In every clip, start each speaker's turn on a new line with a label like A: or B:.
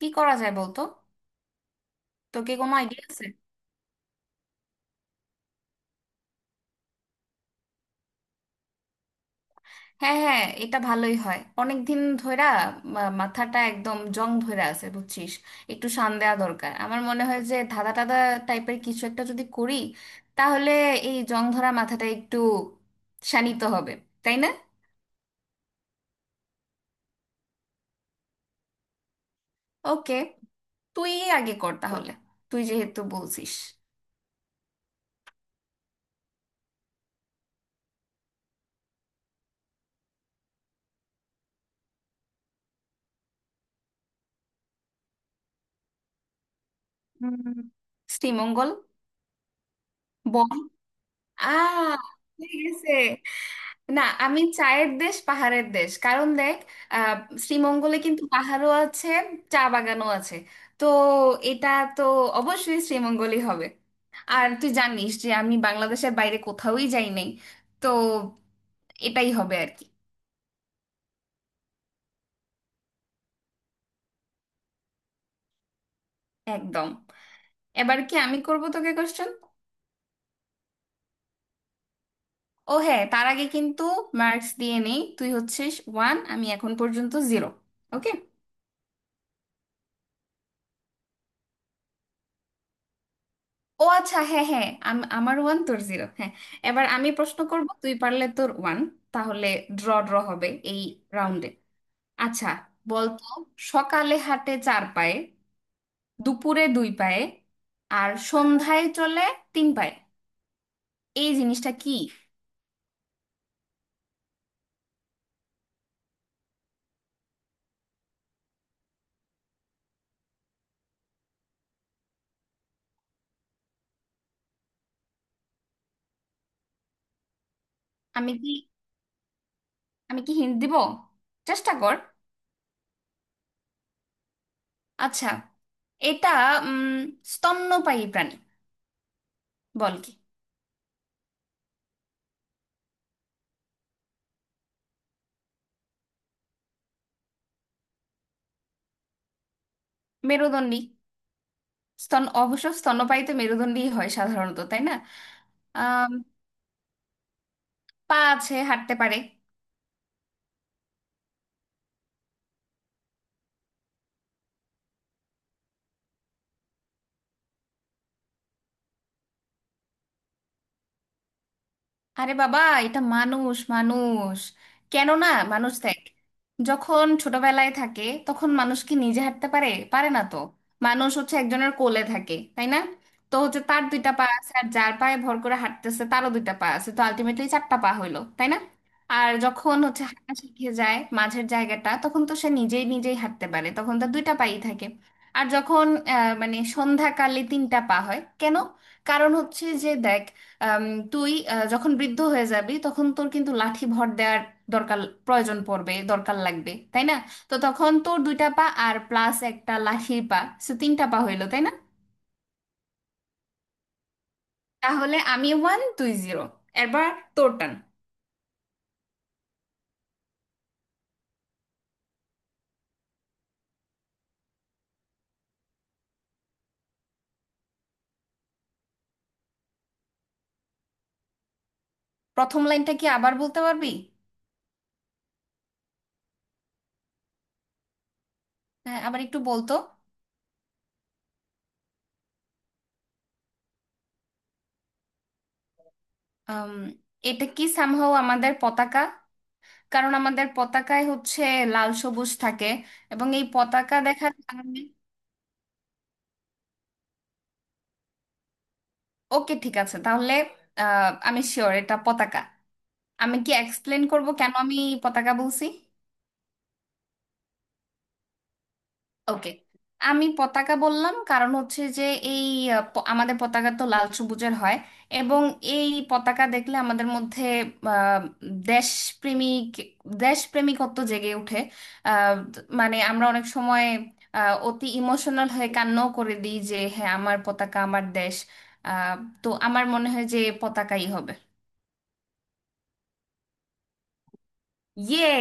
A: কি করা যায় বলতো? তোকে কোনো আইডিয়া আছে? হ্যাঁ, হ্যাঁ, এটা ভালোই হয়। অনেক দিন ধইরা মাথাটা একদম জং ধইরা আছে বুঝছিস। একটু শান দেওয়া দরকার। আমার মনে হয় যে ধাঁধা টাদা টাইপের কিছু একটা যদি করি, তাহলে এই জং ধরা মাথাটা একটু শানিত হবে, তাই না? ওকে। তুই আগে কর তাহলে, তুই যেহেতু বলছিস। উম, শ্রীমঙ্গল। বল। আ ঠিক আছে। না, আমি চায়ের দেশ পাহাড়ের দেশ, কারণ দেখ, আহ শ্রীমঙ্গলে কিন্তু পাহাড়ও আছে, চা বাগানও আছে। তো এটা তো অবশ্যই শ্রীমঙ্গলই হবে। আর তুই জানিস যে আমি বাংলাদেশের বাইরে কোথাওই যাই নাই, তো এটাই হবে আর কি। একদম। এবার কি আমি করব তোকে কোশ্চেন? ও হ্যাঁ, তার আগে কিন্তু মার্কস দিয়ে নেই। তুই হচ্ছিস ওয়ান, আমি এখন পর্যন্ত জিরো। ওকে। ও আচ্ছা, হ্যাঁ, হ্যাঁ, আমার ওয়ান তোর জিরো, হ্যাঁ। এবার আমি প্রশ্ন করব, তুই পারলে তোর ওয়ান, তাহলে ড্র ড্র হবে এই রাউন্ডে। আচ্ছা। বলতো, সকালে হাঁটে চার পায়ে, দুপুরে দুই পায়ে, আর সন্ধ্যায় চলে তিন পায়ে। এই জিনিসটা কি? আমি কি আমি কি হিন্ট দিব? চেষ্টা কর। আচ্ছা, এটা উম স্তন্যপায়ী প্রাণী। বল কি? মেরুদণ্ডী। স্তন, অবশ্য স্তন্যপায়ী তো মেরুদণ্ডী হয় সাধারণত, তাই না? পা আছে, হাঁটতে পারে। আরে বাবা, এটা মানুষ। মানুষ কেন না? মানুষ দেখ, যখন ছোটবেলায় থাকে তখন মানুষ কি নিজে হাঁটতে পারে? পারে না তো। মানুষ হচ্ছে একজনের কোলে থাকে, তাই না? তো হচ্ছে তার দুইটা পা আছে, আর যার পায়ে ভর করে হাঁটতেছে তারও দুইটা পা আছে, তো আলটিমেটলি চারটা পা হইলো, তাই না? আর যখন হচ্ছে হাঁটা শিখে যায় মাঝের জায়গাটা, তখন তো সে নিজেই নিজেই হাঁটতে পারে, তখন তার দুইটা পাই থাকে। আর যখন মানে সন্ধ্যাকালে তিনটা পা হয় কেন? কারণ হচ্ছে যে দেখ, আম, তুই যখন বৃদ্ধ হয়ে যাবি তখন তোর কিন্তু লাঠি ভর দেওয়ার দরকার, প্রয়োজন পড়বে, দরকার লাগবে, তাই না? তো তখন তোর দুইটা পা আর প্লাস একটা লাঠির পা, সে তিনটা পা হইলো, তাই না? তাহলে আমি ওয়ান, তুই জিরো। এবার তোর টান। প্রথম লাইনটা কি আবার বলতে পারবি? হ্যাঁ, আবার একটু বলতো। আম, এটা কি সামহাও আমাদের পতাকা? কারণ আমাদের পতাকায় হচ্ছে লাল সবুজ থাকে, এবং এই পতাকা দেখার কারণে। ওকে, ঠিক আছে তাহলে। আমি শিওর এটা পতাকা। আমি কি এক্সপ্লেন করব কেন আমি পতাকা বলছি? ওকে। আমি পতাকা বললাম, কারণ হচ্ছে যে এই আমাদের পতাকা তো লাল সবুজের হয়। এবং এই পতাকা দেখলে আমাদের মধ্যে আহ, দেশপ্রেমিক, দেশপ্রেমিকত্ব জেগে ওঠে। আহ, মানে আমরা অনেক সময় অতি ইমোশনাল হয়ে কান্নাও করে দিই, যে হ্যাঁ আমার পতাকা, আমার দেশ। আহ, তো আমার মনে হয় যে পতাকাই হবে। ইয়ে!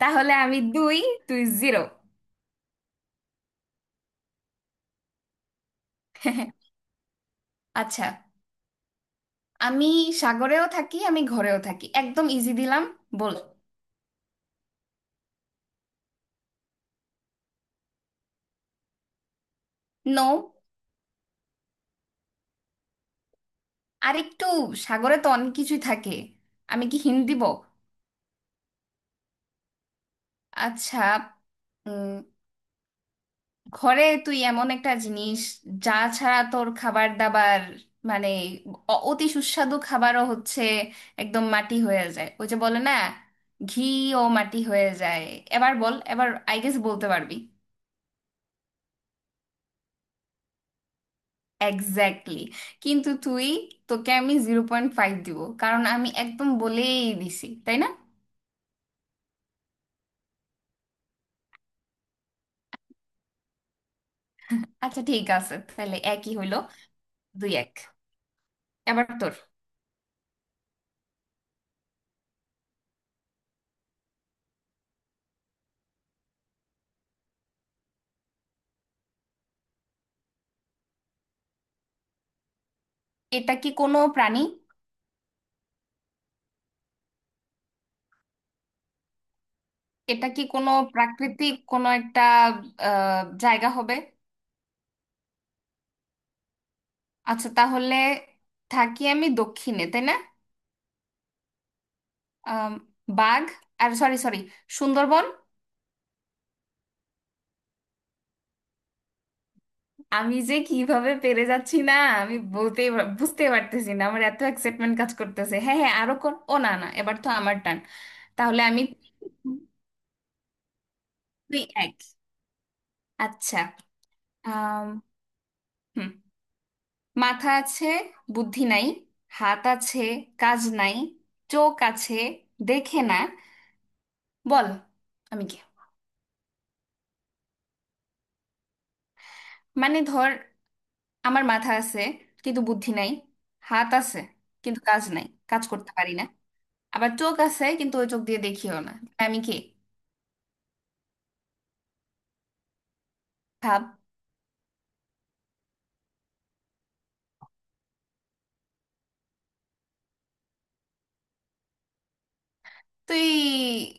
A: তাহলে আমি দুই, তুই জিরো। আচ্ছা। আমি সাগরেও থাকি, আমি ঘরেও থাকি। একদম ইজি দিলাম, বল। নো। আরেকটু, সাগরে তো অনেক কিছুই থাকে। আমি কি হিন্ট দিব? আচ্ছা, উম, ঘরে তুই এমন একটা জিনিস, যা ছাড়া তোর খাবার দাবার মানে অতি সুস্বাদু খাবারও হচ্ছে একদম মাটি হয়ে যায়। ওই যে বলে না, ঘিও মাটি হয়ে যায়। এবার বল, এবার আই গেস বলতে পারবি। এক্স্যাক্টলি! কিন্তু তুই, তোকে আমি জিরো পয়েন্ট ফাইভ দিব, কারণ আমি একদম বলেই দিছি, তাই না? আচ্ছা, ঠিক আছে তাহলে একই হইলো। দুই এক। এবার তোর। এটা কি কোনো প্রাণী? এটা কি কোনো প্রাকৃতিক কোনো একটা জায়গা হবে? আচ্ছা, তাহলে থাকি আমি দক্ষিণে, তাই না? আম, বাঘ আর, সরি সরি, সুন্দরবন। আমি যে কিভাবে পেরে যাচ্ছি না, আমি বুঝতে পারতেছি না, আমার এত এক্সাইটমেন্ট কাজ করতেছে। হ্যাঁ, হ্যাঁ, আরো কোন, ও না না, এবার তো আমার টান। তাহলে আমি দুই এক। আচ্ছা, আম, হুম মাথা আছে, বুদ্ধি নাই, হাত আছে, কাজ নাই, চোখ আছে, দেখে না। বল আমি কি? মানে ধর, আমার মাথা আছে কিন্তু বুদ্ধি নাই, হাত আছে কিন্তু কাজ নাই, কাজ করতে পারি না, আবার চোখ আছে কিন্তু ওই চোখ দিয়ে দেখিও না। আমি কে? ভাব। তুই,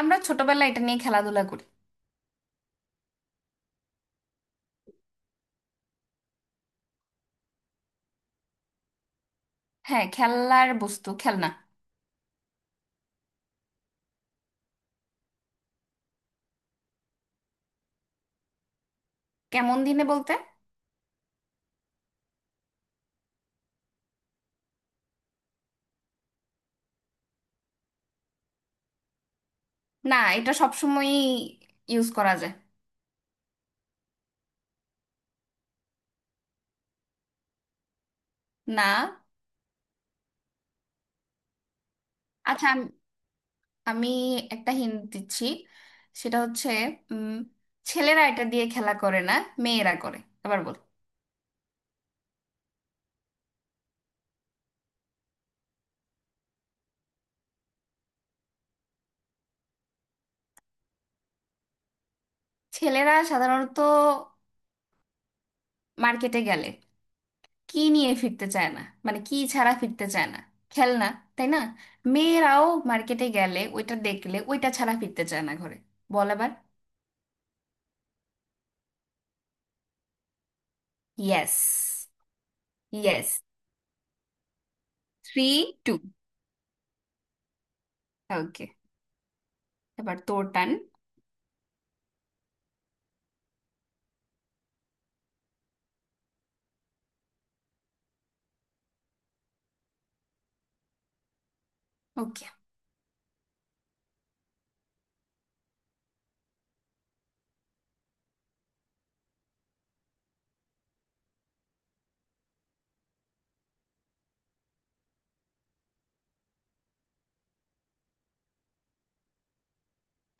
A: আমরা ছোটবেলায় এটা নিয়ে খেলাধুলা করি। হ্যাঁ, খেলার বস্তু, খেলনা। কেমন দিনে বলতে? না, এটা সবসময় ইউজ করা যায়। না। আচ্ছা, আমি আমি একটা হিন্ট দিচ্ছি, সেটা হচ্ছে উম, ছেলেরা এটা দিয়ে খেলা করে না, মেয়েরা করে। আবার বল। ছেলেরা সাধারণত মার্কেটে গেলে কি নিয়ে ফিরতে চায় না, মানে কি ছাড়া ফিরতে চায় না, খেলনা, তাই না? মেয়েরাও মার্কেটে গেলে ওইটা দেখলে ওইটা ছাড়া ফিরতে চায় না ঘরে। বল আবার। Yes. Yes. Three two. Okay. এবার তোর টান। ওকে।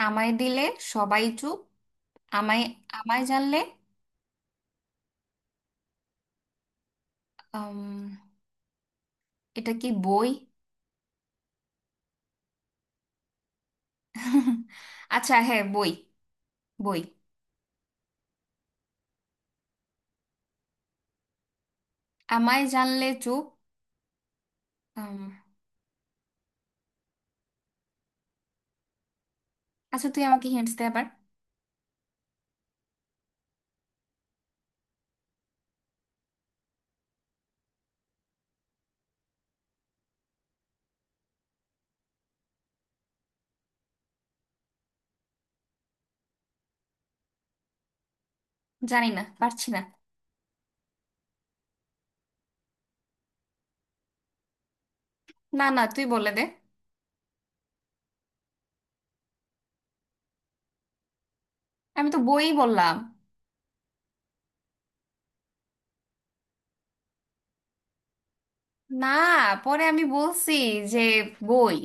A: আমায় দিলে সবাই চুপ। আমায় আমায় জানলে... উম, এটা কি বই? আচ্ছা, হ্যাঁ, বই। বই। আমায় জানলে চুপ। উম, আচ্ছা, তুই আমাকে হিন্টস দে আবার। জানি না, পারছি না। না না, তুই বলে দে। আমি তো বই বললাম। না, পরে আমি বলছি যে বই।